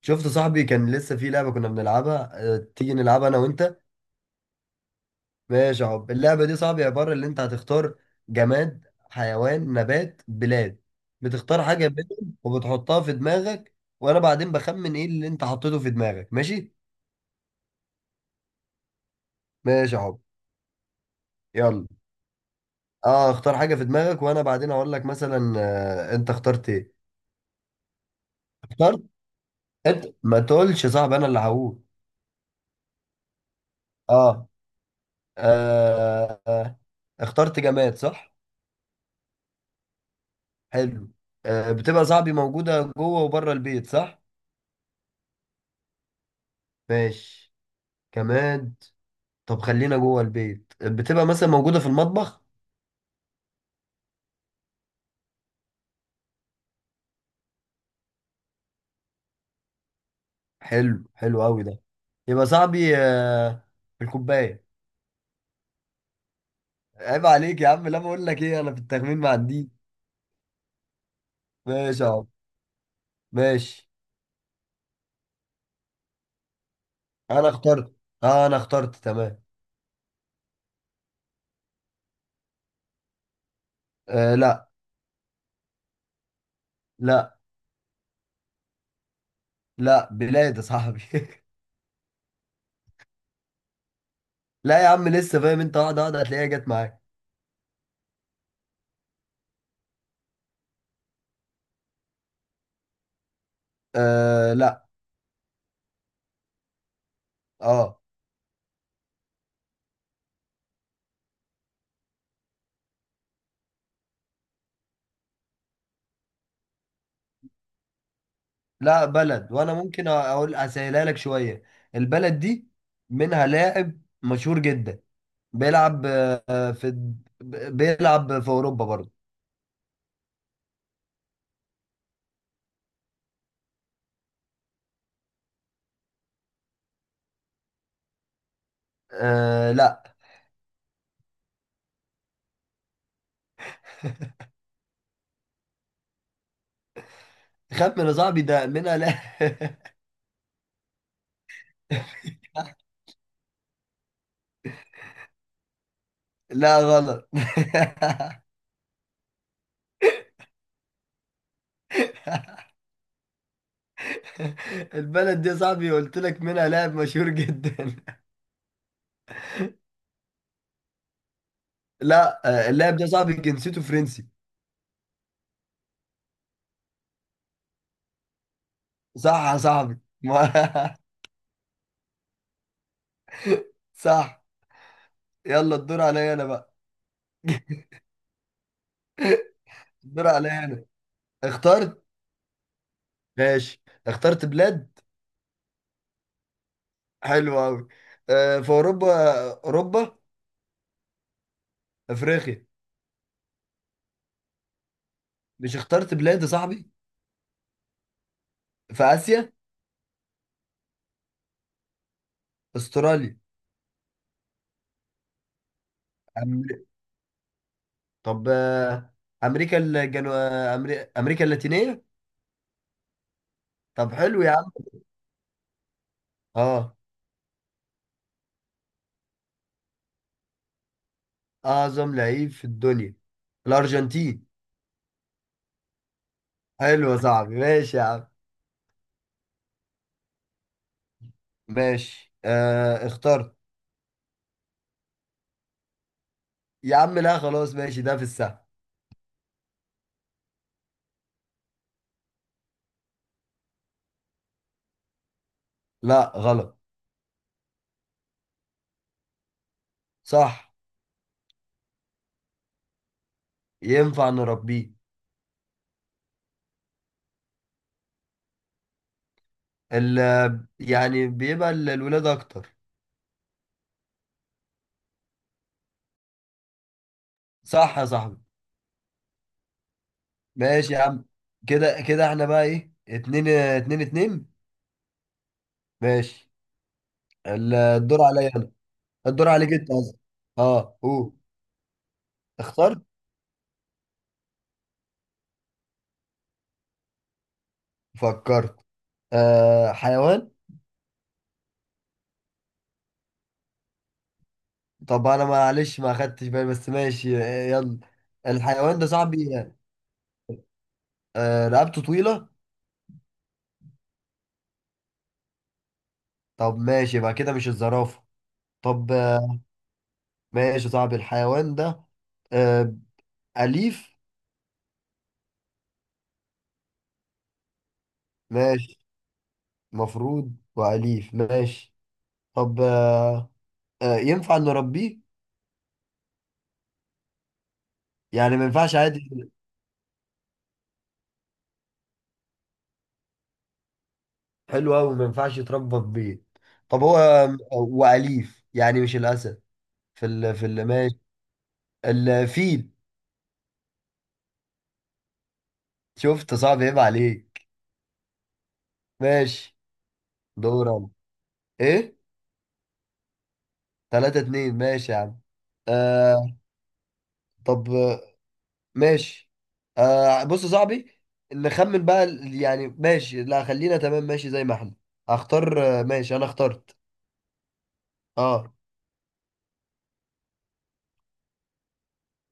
شفت صاحبي كان لسه في لعبة كنا بنلعبها. اه، تيجي نلعبها أنا وأنت. ماشي يا حب. اللعبة دي صاحبي عبارة اللي أنت هتختار: جماد، حيوان، نبات، بلاد. بتختار حاجة منهم وبتحطها في دماغك، وأنا بعدين بخمن إيه اللي أنت حطيته في دماغك. ماشي. ماشي يا حب. يلا. أه، اختار حاجة في دماغك وأنا بعدين أقول لك مثلا أنت اخترت إيه. اخترت. أنت ما تقولش يا صاحبي، أنا اللي هقول. أه. آه، آه، اخترت جماد صح. حلو. آه، بتبقى صاحبي موجودة جوه وبره البيت صح؟ ماشي. كمان. طب خلينا جوه البيت، بتبقى مثلا موجودة في المطبخ؟ حلو، حلو قوي ده. يبقى صاحبي في الكوباية. عيب عليك يا عم، لا. بقول لك ايه، انا في التخمين ما عنديش. ماشي يا عم. ماشي. انا اخترت. اه انا اخترت تمام. آه لا. لا. لا، بلاد يا صاحبي. لا يا عم، لسه فاهم. انت واحدة واحدة هتلاقيها جت معاك. آه لا. اه. لا، بلد. وانا ممكن اقول اسهلها لك شويه. البلد دي منها لاعب مشهور جدا، بيلعب آه، في بيلعب في اوروبا برضه. أه لا. خمن يا صاحبي، ده منها لا. لا غلط. البلد دي يا صاحبي قلت لك منها لاعب مشهور جدا. لا. آه، اللاعب ده يا صاحبي جنسيته فرنسي. صح يا صاحبي. صح. يلا الدور عليا انا بقى. الدور عليا انا. اخترت. ماشي. اخترت بلاد. حلو قوي. آه، في اوروبا. اوروبا. افريقيا. مش اخترت بلاد يا صاحبي؟ في اسيا. استراليا. أمريكا. طب آه، امريكا امريكا اللاتينيه. طب حلو يا عم. اه. اعظم لعيب في الدنيا. الارجنتين. حلو يا صاحبي. ماشي يا عم. ماشي. آه اخترت. يا عم لا، خلاص ماشي ده في السهل. لا غلط. صح. ينفع نربيه. ال... يعني بيبقى الولاد اكتر. صح يا صاحبي. ماشي يا عم. كده احنا بقى ايه، اتنين اتنين اتنين. ماشي. الدور عليا انا. الدور عليك انت قصدي. اه قول. اخترت. فكرت. آه حيوان. طب انا معلش ما خدتش بالي، بس ماشي. يلا. الحيوان ده صاحبي آه، رقبته طويلة. طب ماشي، يبقى كده مش الزرافة. طب آه. ماشي يا صاحبي الحيوان ده آه، أليف. ماشي. مفروض وأليف. ماشي. طب آه. آه ينفع نربيه. يعني ما ينفعش عادي. حلو قوي. ما ينفعش يتربى في بيت. طب هو واليف، يعني مش الاسد. ماشي. الفيل. شفت، صعب. عيب عليك. ماشي. دور انا. ايه. 3-2 ماشي يا عم. آه. طب ماشي. آه بص يا صاحبي، نخمن بقى يعني ماشي لا خلينا تمام، ماشي زي ما احنا. هختار ماشي انا اخترت. اه.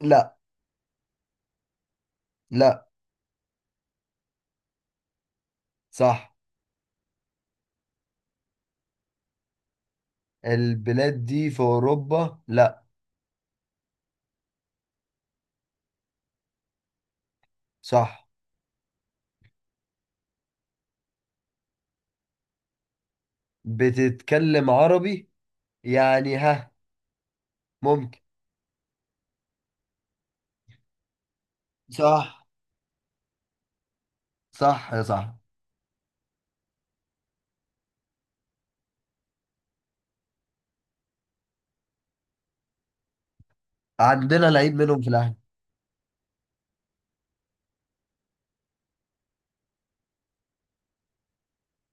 لا. لا. صح. البلاد دي في اوروبا؟ لا. صح. بتتكلم عربي؟ يعني ها. ممكن. صح. صح يا صاحبي. عندنا لعيب منهم في الاهلي.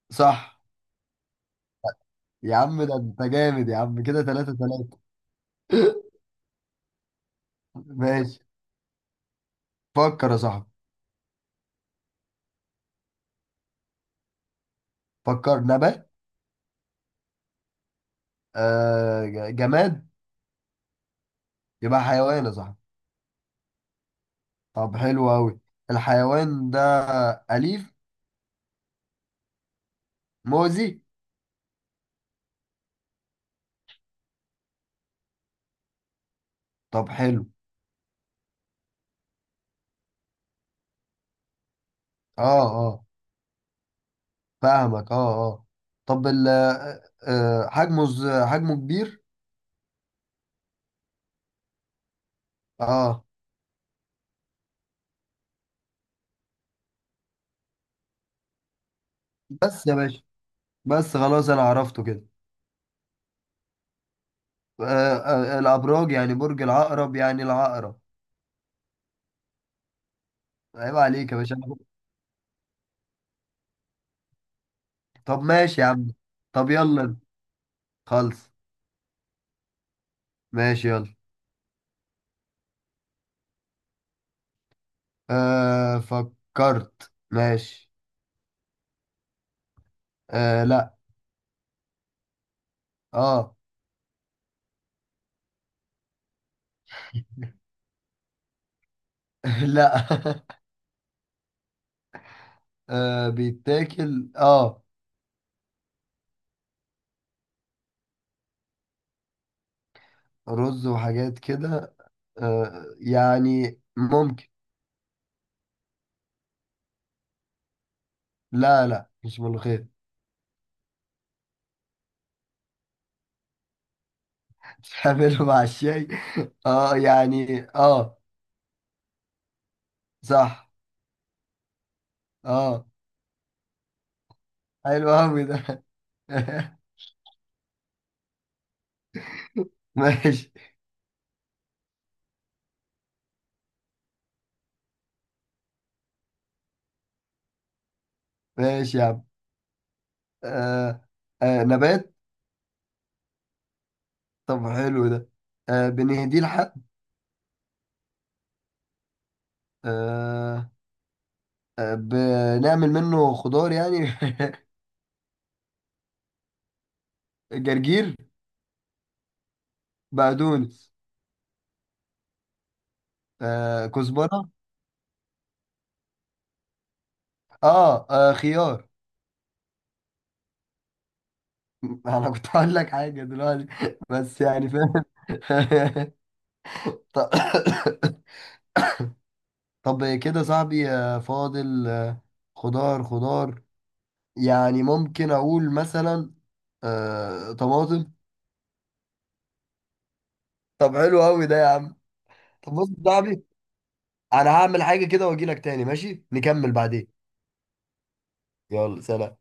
صح. يا عم ده انت جامد يا عم، كده 3-3. ماشي. فكر يا صاحبي. فكر. نبات. آه جماد. يبقى حيوان يا صاحبي. طب حلو قوي. الحيوان ده أليف. مؤذي. طب حلو. اه اه. فاهمك، اه اه. طب ال آه، آه، حجمه حجمه كبير. اه. بس يا باشا. بس خلاص انا عرفته كده. آه، الابراج، يعني برج العقرب، يعني العقرب. عيب عليك يا باشا. طب ماشي يا عم. طب يلا انت. خلص. ماشي. يلا. أه فكرت. ماشي. أه لا. اه. لا. أه بيتاكل اه. رز وحاجات كده. أه يعني ممكن. لا لا، مش ملوخية. تعمله مع الشاي. اه يعني اه. صح. اه. حلو قوي ده. ماشي. ماشي يا عم. آه. آه نبات. طب حلو ده. آه بنهديه لحد. آه. آه بنعمل منه خضار يعني. جرجير. بقدونس. آه كزبرة. آه، اه خيار. انا كنت هقول لك حاجة دلوقتي. بس يعني فاهم. طب. طب كده صاحبي فاضل خضار خضار. يعني ممكن اقول مثلا آه طماطم. طب حلو قوي ده يا عم. طب بص يا صاحبي، انا هعمل حاجة كده واجي لك تاني ماشي، نكمل بعدين. يلا سلام.